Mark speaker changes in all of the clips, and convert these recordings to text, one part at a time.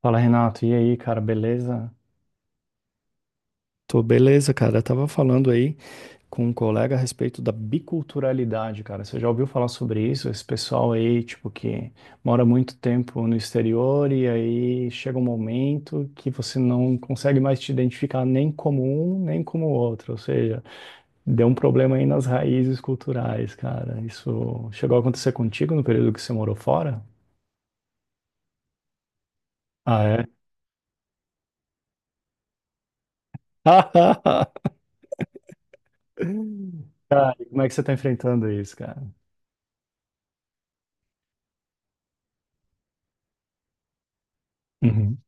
Speaker 1: Fala, Renato. E aí, cara, beleza? Tô beleza, cara. Eu tava falando aí com um colega a respeito da biculturalidade, cara. Você já ouviu falar sobre isso? Esse pessoal aí, tipo, que mora muito tempo no exterior e aí chega um momento que você não consegue mais te identificar nem como um, nem como outro. Ou seja, deu um problema aí nas raízes culturais, cara. Isso chegou a acontecer contigo no período que você morou fora? Ah, é? Cara, como é que você tá enfrentando isso, cara? Uhum.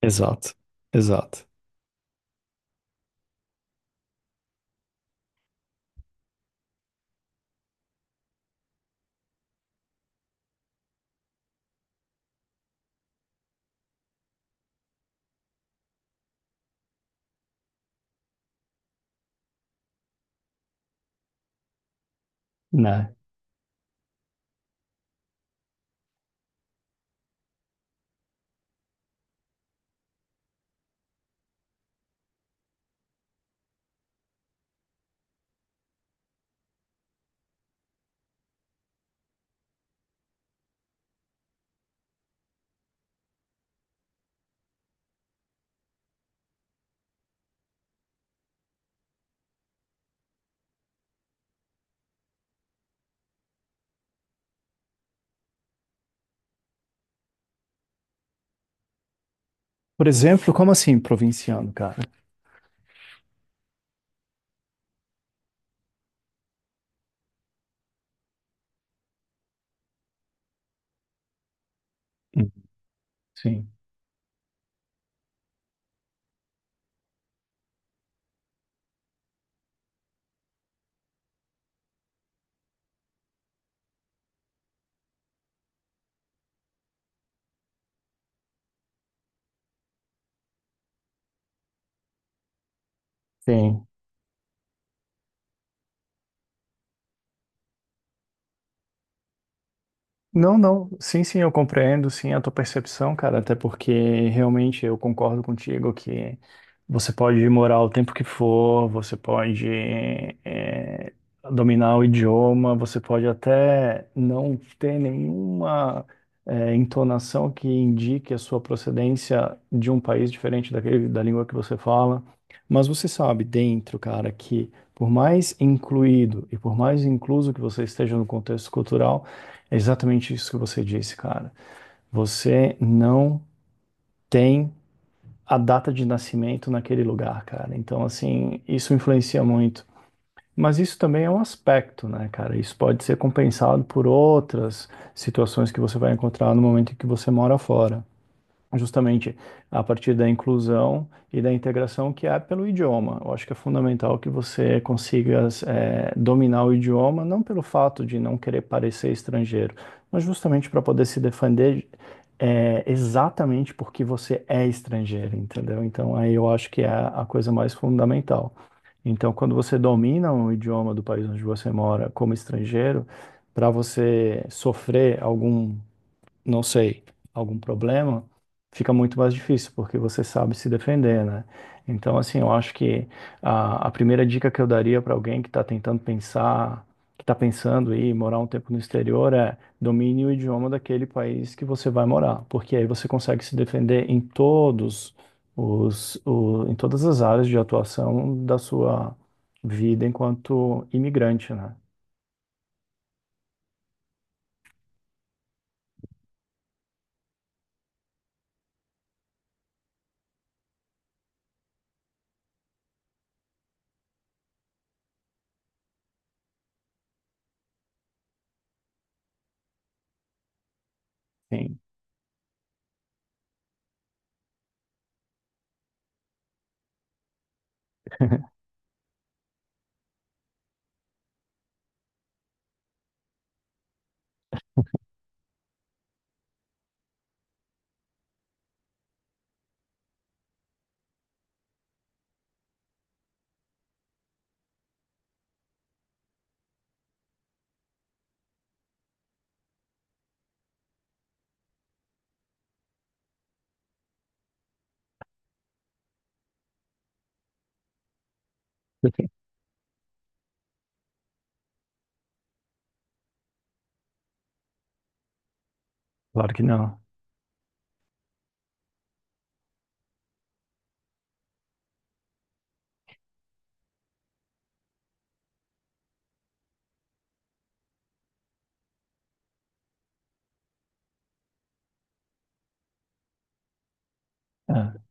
Speaker 1: Exato, exato, né? Por exemplo, como assim provinciano, cara? Hum. Sim. Sim. Não, não. Sim, sim, eu compreendo, sim, a tua percepção, cara, até porque realmente eu concordo contigo que você pode morar o tempo que for, você pode eh, dominar o idioma, você pode até não ter nenhuma entonação que indique a sua procedência de um país diferente daquele, da língua que você fala, mas você sabe dentro, cara, que por mais incluído e por mais incluso que você esteja no contexto cultural, é exatamente isso que você disse, cara. Você não tem a data de nascimento naquele lugar, cara. Então, assim, isso influencia muito. Mas isso também é um aspecto, né, cara? Isso pode ser compensado por outras situações que você vai encontrar no momento em que você mora fora justamente a partir da inclusão e da integração que há pelo idioma. Eu acho que é fundamental que você consiga dominar o idioma, não pelo fato de não querer parecer estrangeiro, mas justamente para poder se defender exatamente porque você é estrangeiro, entendeu? Então, aí eu acho que é a coisa mais fundamental. Então, quando você domina o idioma do país onde você mora como estrangeiro, para você sofrer algum não sei, algum problema, fica muito mais difícil, porque você sabe se defender, né? Então, assim, eu acho que a primeira dica que eu daria para alguém que está pensando em morar um tempo no exterior é domine o idioma daquele país que você vai morar, porque aí você consegue se defender em todos em todas as áreas de atuação da sua vida enquanto imigrante, né? Sim. Claro que não. É.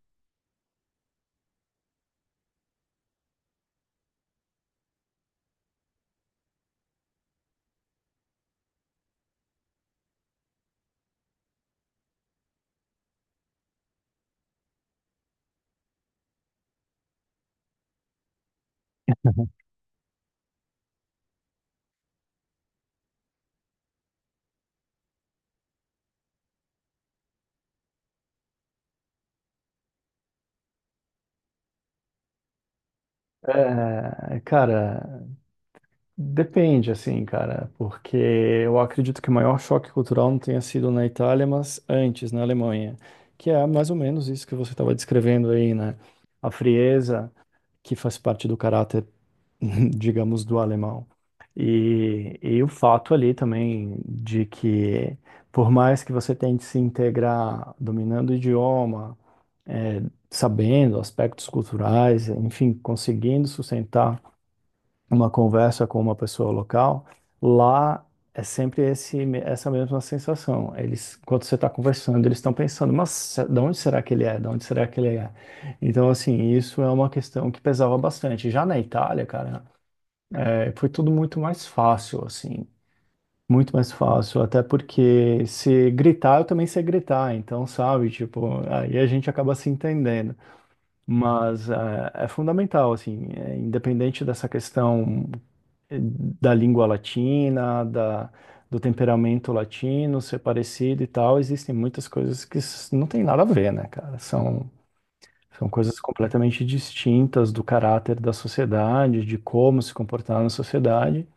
Speaker 1: É, cara, depende, assim, cara, porque eu acredito que o maior choque cultural não tenha sido na Itália, mas antes, na Alemanha, que é mais ou menos isso que você estava descrevendo aí, né? A frieza que faz parte do caráter, digamos, do alemão. E o fato ali também de que, por mais que você tente se integrar dominando o idioma, é, sabendo aspectos culturais, enfim, conseguindo sustentar uma conversa com uma pessoa local, lá é sempre essa mesma sensação. Eles, enquanto você está conversando, eles estão pensando, mas de onde será que ele é? De onde será que ele é? Então, assim, isso é uma questão que pesava bastante. Já na Itália, cara, é, foi tudo muito mais fácil, assim. Muito mais fácil, até porque se gritar, eu também sei gritar, então, sabe, tipo, aí a gente acaba se entendendo. Mas é fundamental, assim, é, independente dessa questão eh, da língua latina, do temperamento latino ser parecido e tal, existem muitas coisas não tem nada a ver, né, cara? São coisas completamente distintas do caráter da sociedade, de como se comportar na sociedade.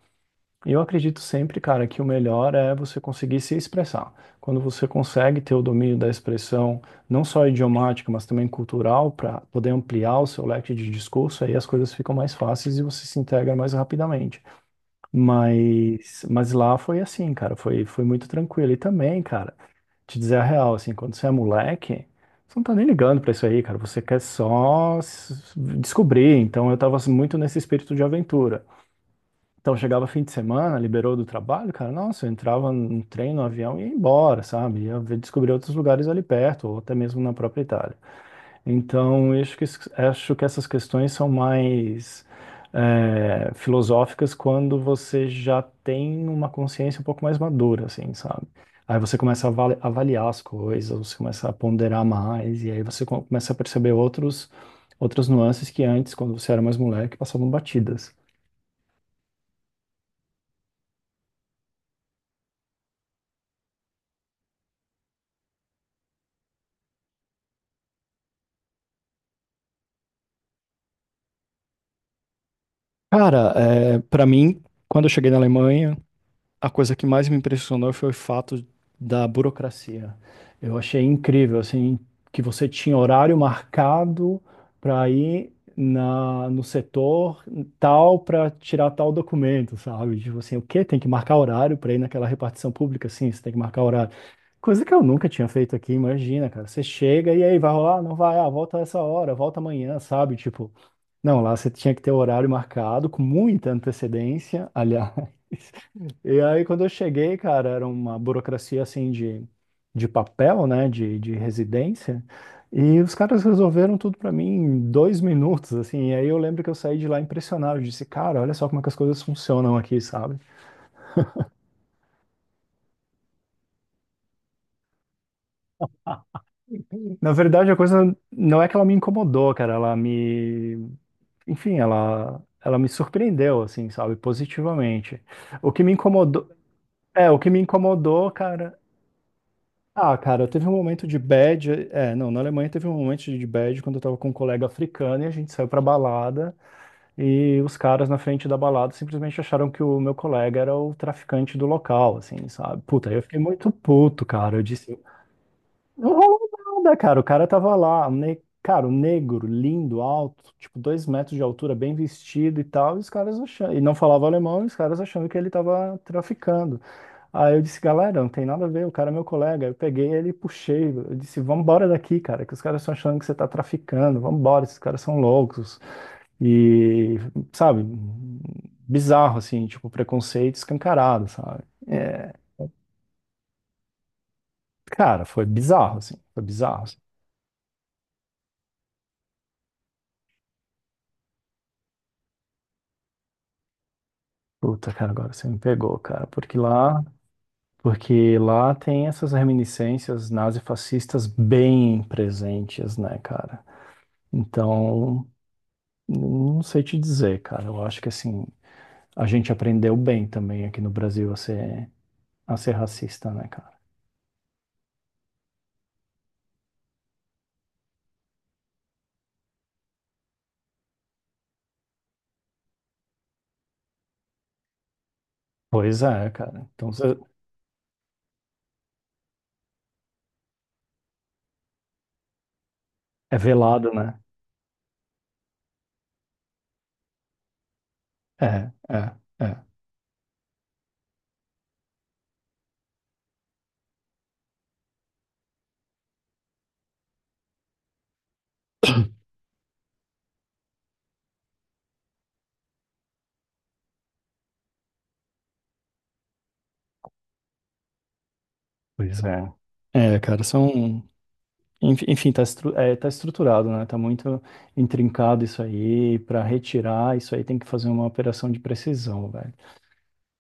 Speaker 1: Eu acredito sempre, cara, que o melhor é você conseguir se expressar. Quando você consegue ter o domínio da expressão, não só idiomática, mas também cultural, para poder ampliar o seu leque de discurso, aí as coisas ficam mais fáceis e você se integra mais rapidamente. Mas lá foi assim, cara, foi muito tranquilo. E também, cara, te dizer a real, assim, quando você é moleque, você não tá nem ligando pra isso aí, cara, você quer só descobrir. Então eu tava assim, muito nesse espírito de aventura. Então chegava fim de semana, liberou do trabalho, cara, nossa, eu entrava num trem, no avião e ia embora, sabe? Descobrir outros lugares ali perto, ou até mesmo na própria Itália. Então, eu acho que, acho que essas questões são mais é, filosóficas quando você já tem uma consciência um pouco mais madura, assim, sabe? Aí você começa a avaliar as coisas, você começa a ponderar mais, e aí você começa a perceber outras nuances que antes, quando você era mais moleque, passavam batidas. Cara, é, para mim, quando eu cheguei na Alemanha, a coisa que mais me impressionou foi o fato da burocracia. Eu achei incrível, assim, que você tinha horário marcado para ir no setor tal para tirar tal documento, sabe? Tipo assim, o quê? Tem que marcar horário para ir naquela repartição pública? Sim, você tem que marcar horário. Coisa que eu nunca tinha feito aqui, imagina, cara. Você chega e aí vai rolar? Não vai, ah, volta essa hora, volta amanhã, sabe? Tipo. Não, lá você tinha que ter o horário marcado com muita antecedência, aliás. E aí, quando eu cheguei, cara, era uma burocracia assim de papel, né, de residência. E os caras resolveram tudo pra mim em 2 minutos, assim. E aí eu lembro que eu saí de lá impressionado. Eu disse, cara, olha só como é que as coisas funcionam aqui, sabe? Na verdade, a coisa não é que ela me incomodou, cara. Ela me. Enfim, ela me surpreendeu, assim, sabe? Positivamente. O que me incomodou. É, o que me incomodou, cara. Ah, cara, teve um momento de bad. É, não, na Alemanha teve um momento de bad quando eu tava com um colega africano e a gente saiu pra balada e os caras na frente da balada simplesmente acharam que o meu colega era o traficante do local, assim, sabe? Puta, aí eu fiquei muito puto, cara. Eu disse, não rolou nada, cara. O cara tava lá, cara, um negro, lindo, alto, tipo, 2 metros de altura, bem vestido e tal. E os caras achando. E não falava alemão, e os caras achando que ele tava traficando. Aí eu disse, galera, não tem nada a ver, o cara é meu colega. Eu peguei ele e puxei. Eu disse, vambora daqui, cara, que os caras estão achando que você tá traficando. Vambora, esses caras são loucos. E, sabe, bizarro, assim, tipo, preconceito escancarado, sabe? É, cara, foi bizarro, assim, foi bizarro. Puta, cara, agora você me pegou, cara, porque lá tem essas reminiscências nazifascistas bem presentes, né, cara? Então, não sei te dizer, cara. Eu acho que assim, a gente aprendeu bem também aqui no Brasil a ser racista, né, cara? Pois é, cara. É velado, né? É, é, é. Pois é. É, cara, Enfim, tá, tá estruturado, né? Tá muito intrincado isso aí. Para retirar isso aí tem que fazer uma operação de precisão, velho.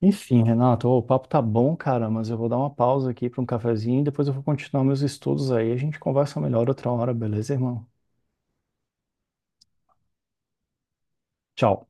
Speaker 1: Enfim, Renato, ô, o papo tá bom, cara, mas eu vou dar uma pausa aqui para um cafezinho e depois eu vou continuar meus estudos aí. A gente conversa melhor outra hora, beleza, irmão? Tchau.